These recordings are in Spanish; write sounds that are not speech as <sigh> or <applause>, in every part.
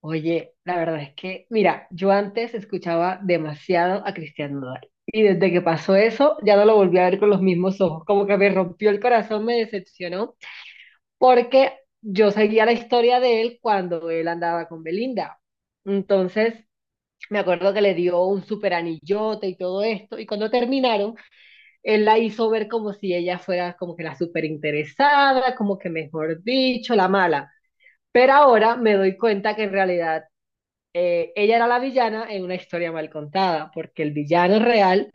Oye, la verdad es que, mira, yo antes escuchaba demasiado a Cristian Nodal. Y desde que pasó eso, ya no lo volví a ver con los mismos ojos. Como que me rompió el corazón, me decepcionó, porque yo seguía la historia de él cuando él andaba con Belinda. Entonces, me acuerdo que le dio un super anillote y todo esto. Y cuando terminaron, él la hizo ver como si ella fuera como que la super interesada, como que mejor dicho, la mala. Pero ahora me doy cuenta que en realidad ella era la villana en una historia mal contada, porque el villano real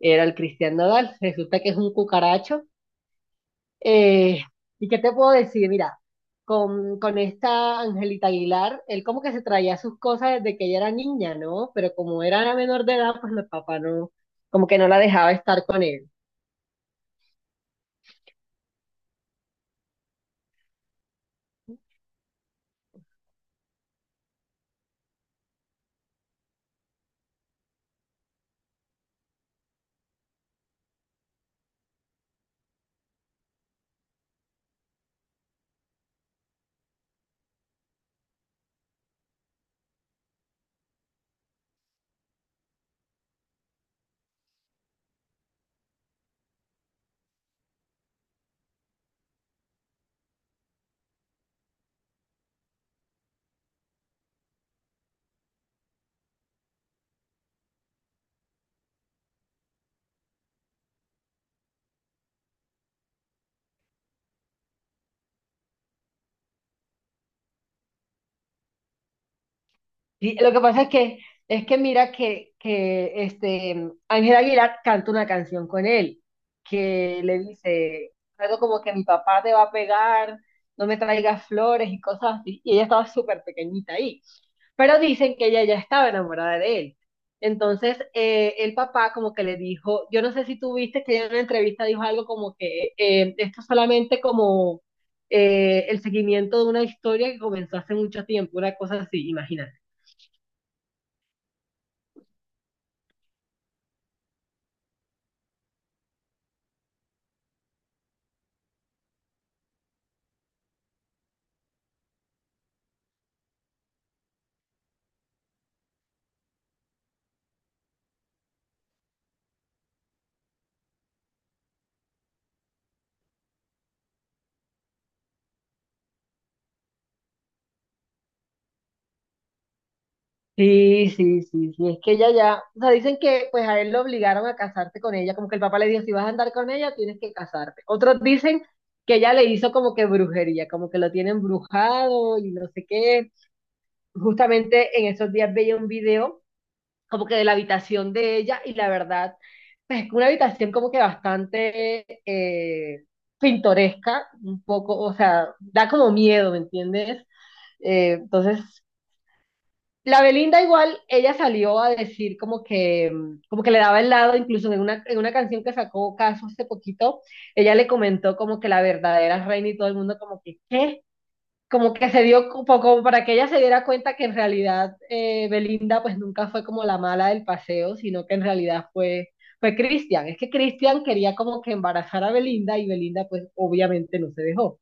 era el Cristian Nodal. Resulta que es un cucaracho. Eh, ¿Y qué te puedo decir? Mira, con esta Angelita Aguilar, él como que se traía sus cosas desde que ella era niña, ¿no? Pero como era menor de edad, pues el papá no, como que no la dejaba estar con él. Sí, lo que pasa es que mira que este, Ángel Aguilar canta una canción con él, que le dice algo como que mi papá te va a pegar, no me traigas flores y cosas así, y ella estaba súper pequeñita ahí, pero dicen que ella ya estaba enamorada de él. Entonces, el papá como que le dijo, yo no sé si tú viste que ella en una entrevista dijo algo como que esto es solamente como el seguimiento de una historia que comenzó hace mucho tiempo, una cosa así, imagínate. Sí, sí, sí, sí, es que ella ya, o sea, dicen que pues a él lo obligaron a casarse con ella, como que el papá le dijo, si vas a andar con ella, tienes que casarte. Otros dicen que ella le hizo como que brujería, como que lo tiene embrujado y no sé qué. Justamente en esos días veía un video como que de la habitación de ella y la verdad, pues es una habitación como que bastante pintoresca, un poco, o sea, da como miedo, ¿me entiendes? Eh, entonces... La Belinda igual, ella salió a decir como que le daba el lado, incluso en una canción que sacó Caso hace poquito, ella le comentó como que la verdadera reina y todo el mundo como que, ¿qué? Como que se dio, como, como para que ella se diera cuenta que en realidad Belinda pues nunca fue como la mala del paseo, sino que en realidad fue, fue Cristian. Es que Cristian quería como que embarazar a Belinda y Belinda pues obviamente no se dejó.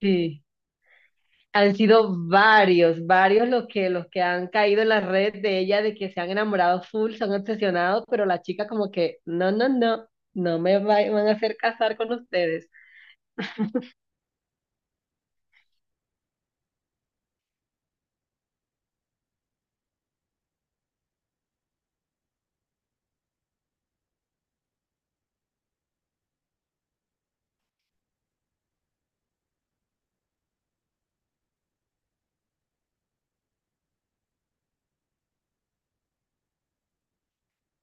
Sí. Han sido varios, varios los que han caído en la red de ella, de que se han enamorado full, se han obsesionado, pero la chica como que, no, no, no, no van a hacer casar con ustedes.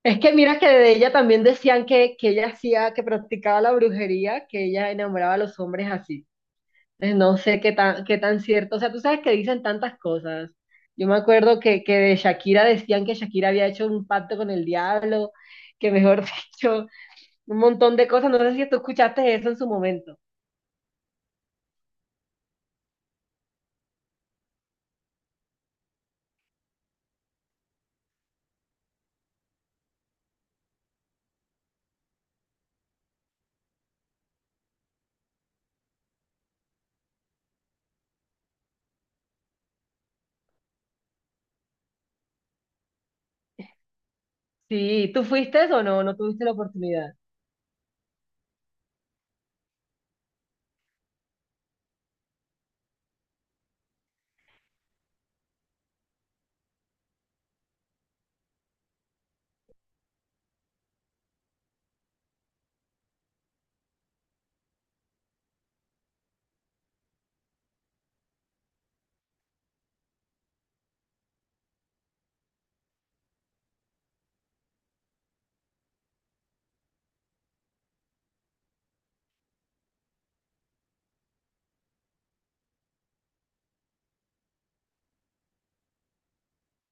Es que mira que de ella también decían que ella hacía, que practicaba la brujería, que ella enamoraba a los hombres así. No sé qué tan cierto, o sea, tú sabes que dicen tantas cosas. Yo me acuerdo que de Shakira decían que Shakira había hecho un pacto con el diablo, que mejor <laughs> dicho... un montón de cosas. No sé si tú escuchaste eso en su momento. Sí, ¿tú fuiste o no? No tuviste la oportunidad.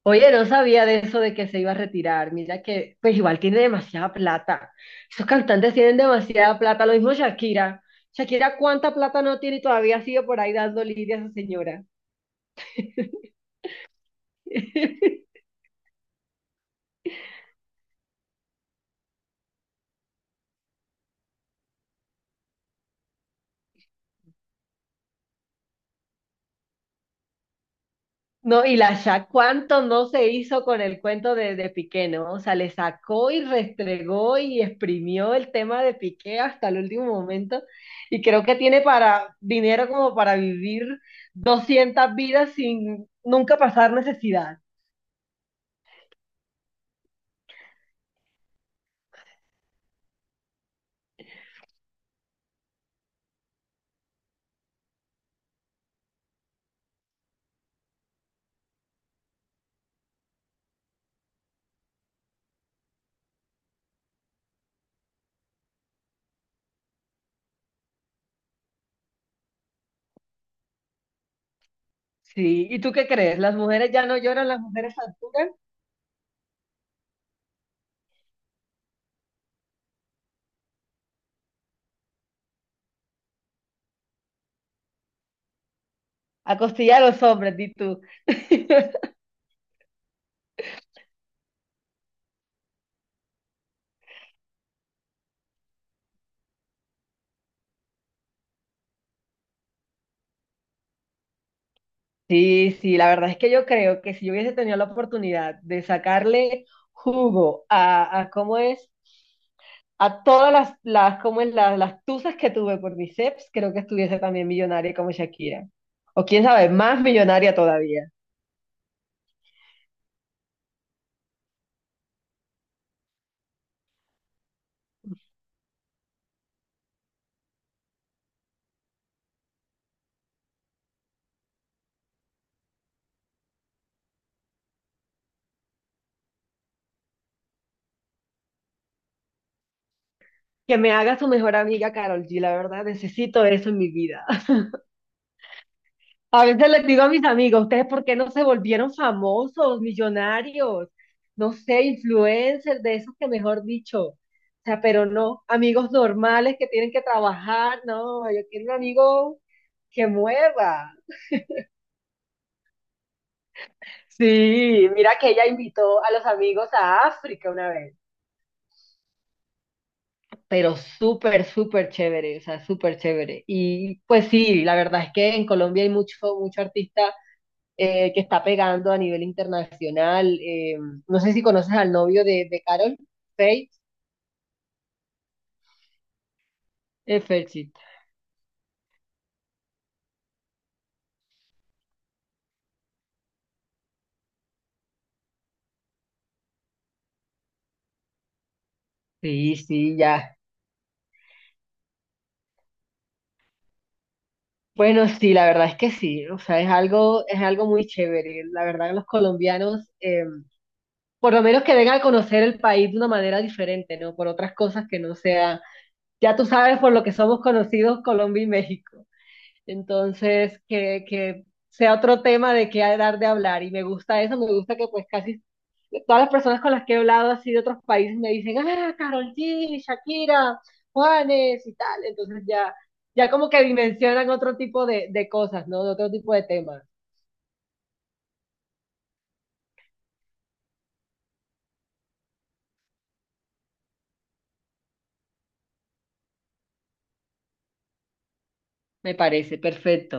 Oye, no sabía de eso de que se iba a retirar. Mira que, pues igual tiene demasiada plata. Esos cantantes tienen demasiada plata. Lo mismo Shakira. Shakira, ¿cuánta plata no tiene y todavía sigue por ahí dando lidia a esa señora? <laughs> No, y la Shaq, ¿cuánto no se hizo con el cuento de Piqué, ¿no? O sea, le sacó y restregó y exprimió el tema de Piqué hasta el último momento. Y creo que tiene para dinero como para vivir 200 vidas sin nunca pasar necesidad. Sí, ¿y tú qué crees? ¿Las mujeres ya no lloran, las mujeres facturan? A costilla de los hombres, di tú. <laughs> Sí, sí, la verdad es que yo creo que si yo hubiese tenido la oportunidad de sacarle jugo a cómo es. A todas las, como es, las tusas que tuve por bíceps, creo que estuviese también millonaria como Shakira. O quién sabe, más millonaria todavía. Que me haga su mejor amiga Carol G, la verdad, necesito eso en mi vida. <laughs> A veces les digo a mis amigos, ¿ustedes por qué no se volvieron famosos, millonarios? No sé, influencers, de esos que mejor dicho. O sea, pero no, amigos normales que tienen que trabajar, no, yo quiero un amigo que mueva. Sí, mira que ella invitó a los amigos a África una vez. Pero súper, súper chévere, o sea, súper chévere. Y pues sí, la verdad es que en Colombia hay mucho, mucho artista que está pegando a nivel internacional. No sé si conoces al novio de Carol, Faith, Ferchit. Sí, sí, ya. Bueno, sí, la verdad es que sí, o sea, es algo muy chévere. La verdad, los colombianos, por lo menos que vengan a conocer el país de una manera diferente, ¿no? Por otras cosas que no sea ya tú sabes por lo que somos conocidos Colombia y México. Entonces, que sea otro tema de qué dar de hablar. Y me gusta eso, me gusta que pues casi todas las personas con las que he hablado así de otros países me dicen, ah, Karol G, Shakira, Juanes y tal. Entonces ya, ya como que dimensionan otro tipo de cosas, ¿no? De otro tipo de temas. Me parece, perfecto.